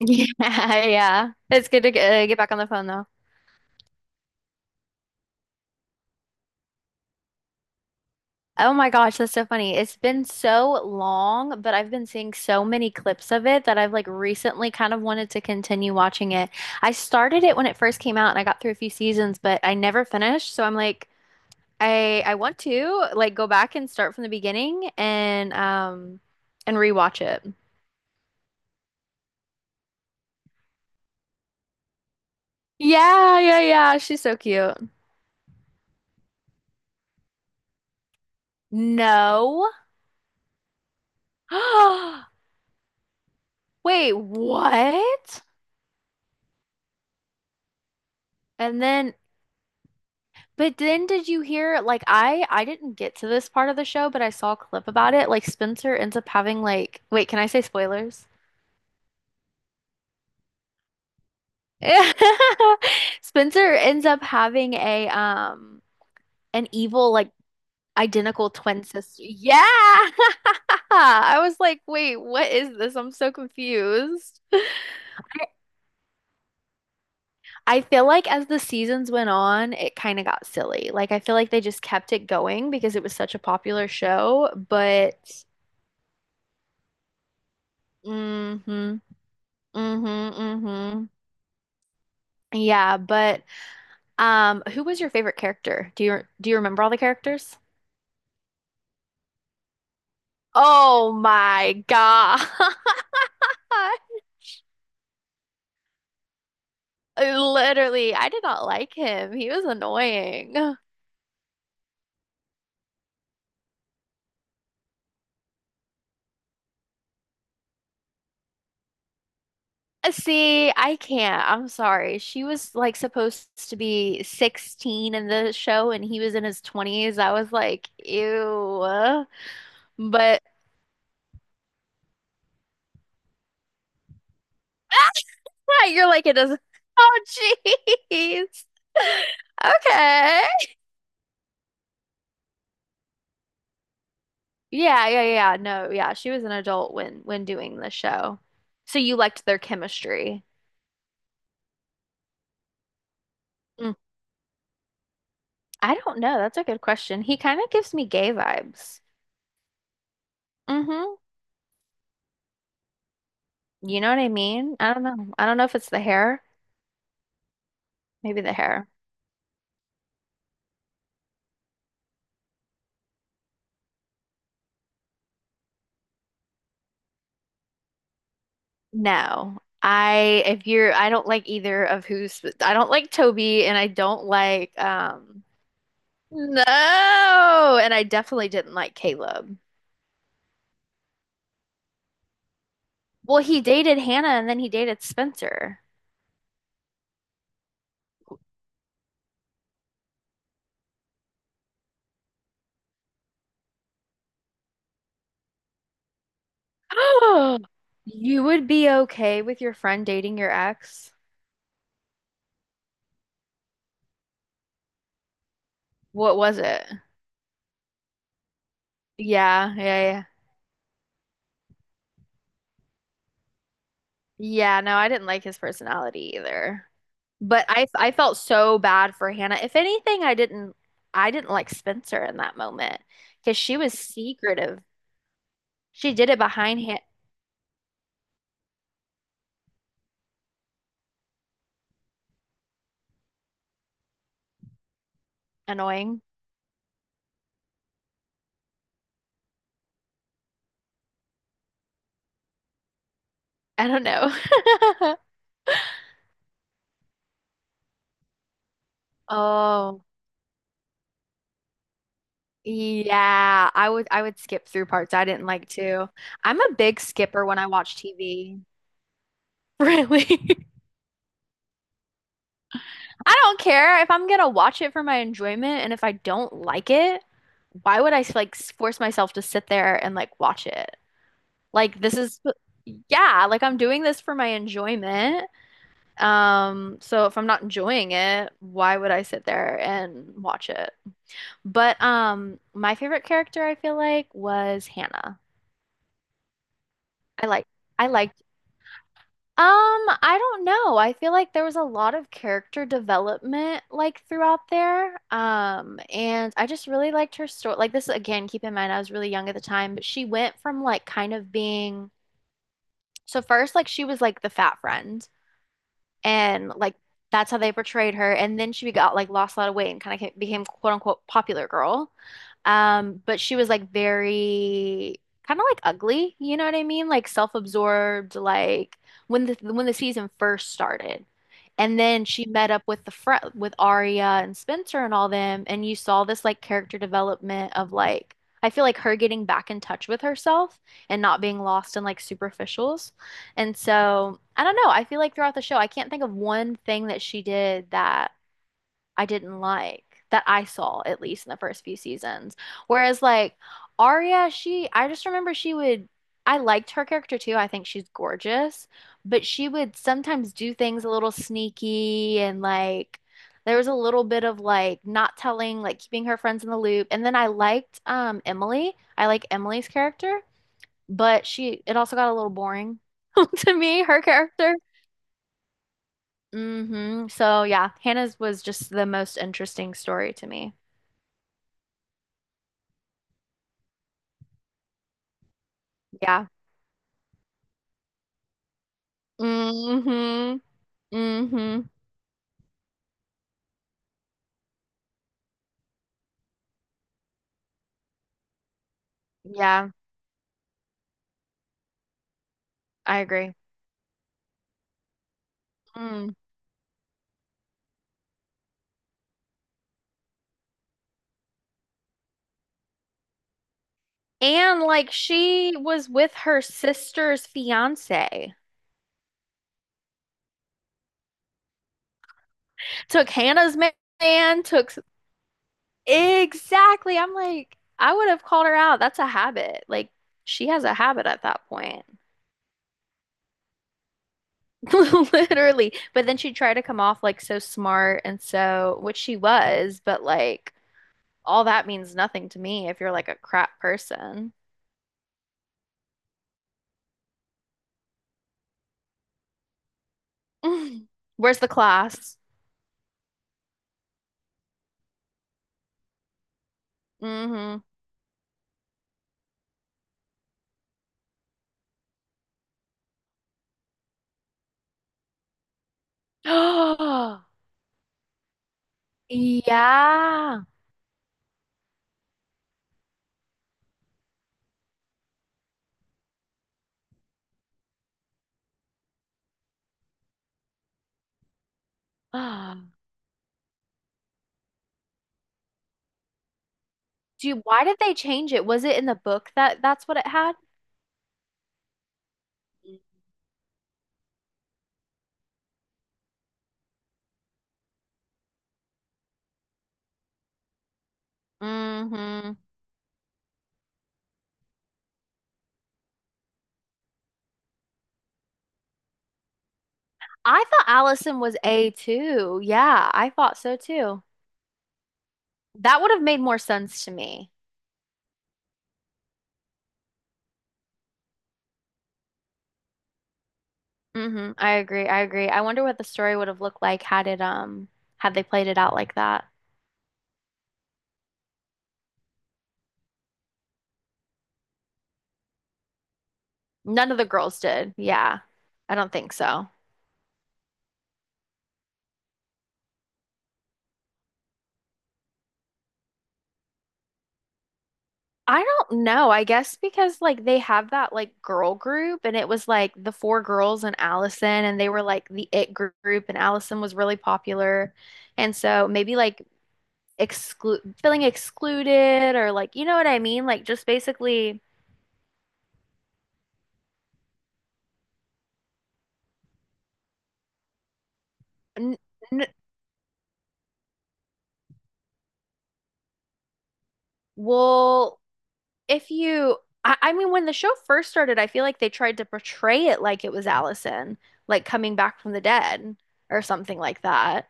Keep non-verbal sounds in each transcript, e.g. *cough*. Yeah, *laughs* yeah. It's good to get back on the phone though. Oh my gosh, that's so funny. It's been so long, but I've been seeing so many clips of it that I've like recently kind of wanted to continue watching it. I started it when it first came out and I got through a few seasons, but I never finished, so I'm like I want to like go back and start from the beginning and and rewatch it. Yeah, yeah, yeah. She's so cute. No. *gasps* Wait, what? And then but then did you hear like I didn't get to this part of the show, but I saw a clip about it. Like Spencer ends up having like wait, can I say spoilers? *laughs* Spencer ends up having a an evil like identical twin sister. Yeah. *laughs* I was like, "Wait, what is this? I'm so confused." I feel like as the seasons went on, it kind of got silly. Like I feel like they just kept it going because it was such a popular show, but hmm. Mm-hmm, mm-hmm. Yeah, but who was your favorite character? Do you remember all the characters? Oh my God. *laughs* Literally, I did not like him. He was annoying. See, I can't. I'm sorry. She was like supposed to be 16 in the show and he was in his 20s. I was like, ew. But *laughs* you're like, it doesn't. Oh, jeez. *laughs* Okay. Yeah, yeah, yeah. No, yeah, she was an adult when doing the show. So you liked their chemistry. Mm, I don't know. That's a good question. He kind of gives me gay vibes. Mm-hmm. You know what I mean? I don't know. I don't know if it's the hair. Maybe the hair. No. I if you're I don't like either of who's I don't like Toby and I don't like no. And I definitely didn't like Caleb. Well, he dated Hannah and then he dated Spencer. *gasps* Oh, you would be okay with your friend dating your ex? What was it? Yeah, yeah, yeah. Yeah, no, I didn't like his personality either. But I felt so bad for Hannah. If anything, I didn't like Spencer in that moment because she was secretive. She did it behind Han annoying. I don't know. *laughs* Oh, yeah. I would skip through parts I didn't like too. I'm a big skipper when I watch TV. *laughs* Really? I don't care if I'm gonna watch it for my enjoyment, and if I don't like it, why would I like force myself to sit there and like watch it? Like this is, yeah, like I'm doing this for my enjoyment. So if I'm not enjoying it, why would I sit there and watch it? But my favorite character I feel like was Hannah. I like I liked I don't know. I feel like there was a lot of character development like throughout there. And I just really liked her story. Like this again, keep in mind I was really young at the time, but she went from like kind of being so first like she was like the fat friend and like that's how they portrayed her. And then she got like lost a lot of weight and kind of became quote unquote popular girl. But she was like very kind of like ugly, you know what I mean? Like self-absorbed, like when the season first started. And then she met up with the fr with Arya and Spencer and all them, and you saw this like character development of like I feel like her getting back in touch with herself and not being lost in like superficials. And so I don't know. I feel like throughout the show, I can't think of one thing that she did that I didn't like, that I saw at least in the first few seasons. Whereas like Arya, she, I just remember she would, I liked her character too. I think she's gorgeous, but she would sometimes do things a little sneaky and like there was a little bit of like not telling, like keeping her friends in the loop. And then I liked Emily. I like Emily's character but she it also got a little boring *laughs* to me, her character. Hmm. So yeah, Hannah's was just the most interesting story to me. Yeah. Hmm. Hmm. Yeah, I agree. Mm. And like she was with her sister's fiance. Took Hannah's ma- man, took exactly. I'm like, I would have called her out. That's a habit. Like she has a habit at that point. *laughs* Literally. But then she tried to come off like so smart and so, which she was, but like all that means nothing to me if you're like a crap person. *laughs* Mm. Where's the class? Mm-hmm. Oh, *gasps* yeah. Ah. Why did they change it? Was it in the book that that's what it had? Mm-hmm. I thought Allison was A two. Yeah, I thought so too. That would have made more sense to me. Hmm. I agree. I agree. I wonder what the story would have looked like had it had they played it out like that. None of the girls did. Yeah. I don't think so. I don't know. I guess because like they have that like girl group and it was like the four girls and Allison and they were like the it gr- group and Allison was really popular. And so maybe like exclude feeling excluded or like you know what I mean? Like just basically n n well if you I mean when the show first started I feel like they tried to portray it like it was allison like coming back from the dead or something like that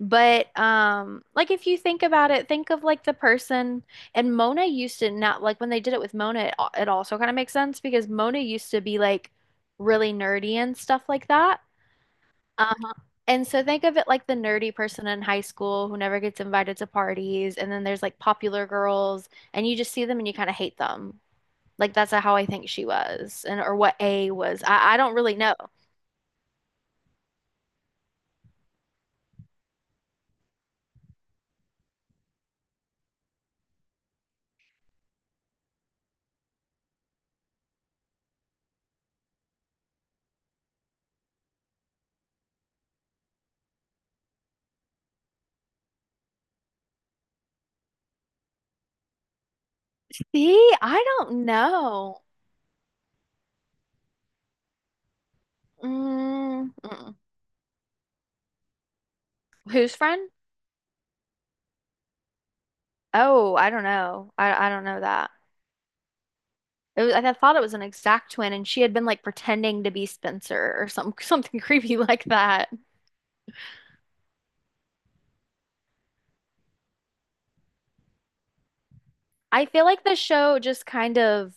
but like if you think about it think of like the person and mona used to not like when they did it with mona it, al- it also kind of makes sense because mona used to be like really nerdy and stuff like that um and so think of it like the nerdy person in high school who never gets invited to parties and then there's like popular girls and you just see them and you kind of hate them like that's how I think she was, and or what A was. I don't really know. See, I don't know. Mm, mm. Whose friend? Oh, I don't know. I don't know that. It was, I thought it was an exact twin, and she had been like pretending to be Spencer or some something *laughs* creepy like that. I feel like the show just kind of.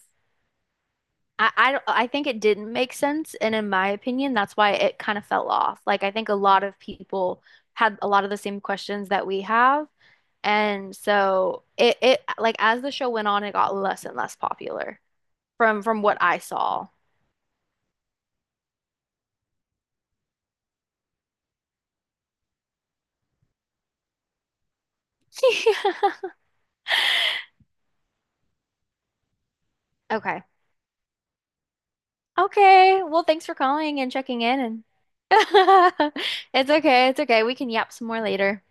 Don't- I think it didn't make sense, and in my opinion, that's why it kind of fell off. Like I think a lot of people had a lot of the same questions that we have, and so it like as the show went on, it got less and less popular from what I saw. *laughs* Okay. Okay. Well, thanks for calling and checking in and *laughs* it's okay. It's okay. We can yap some more later.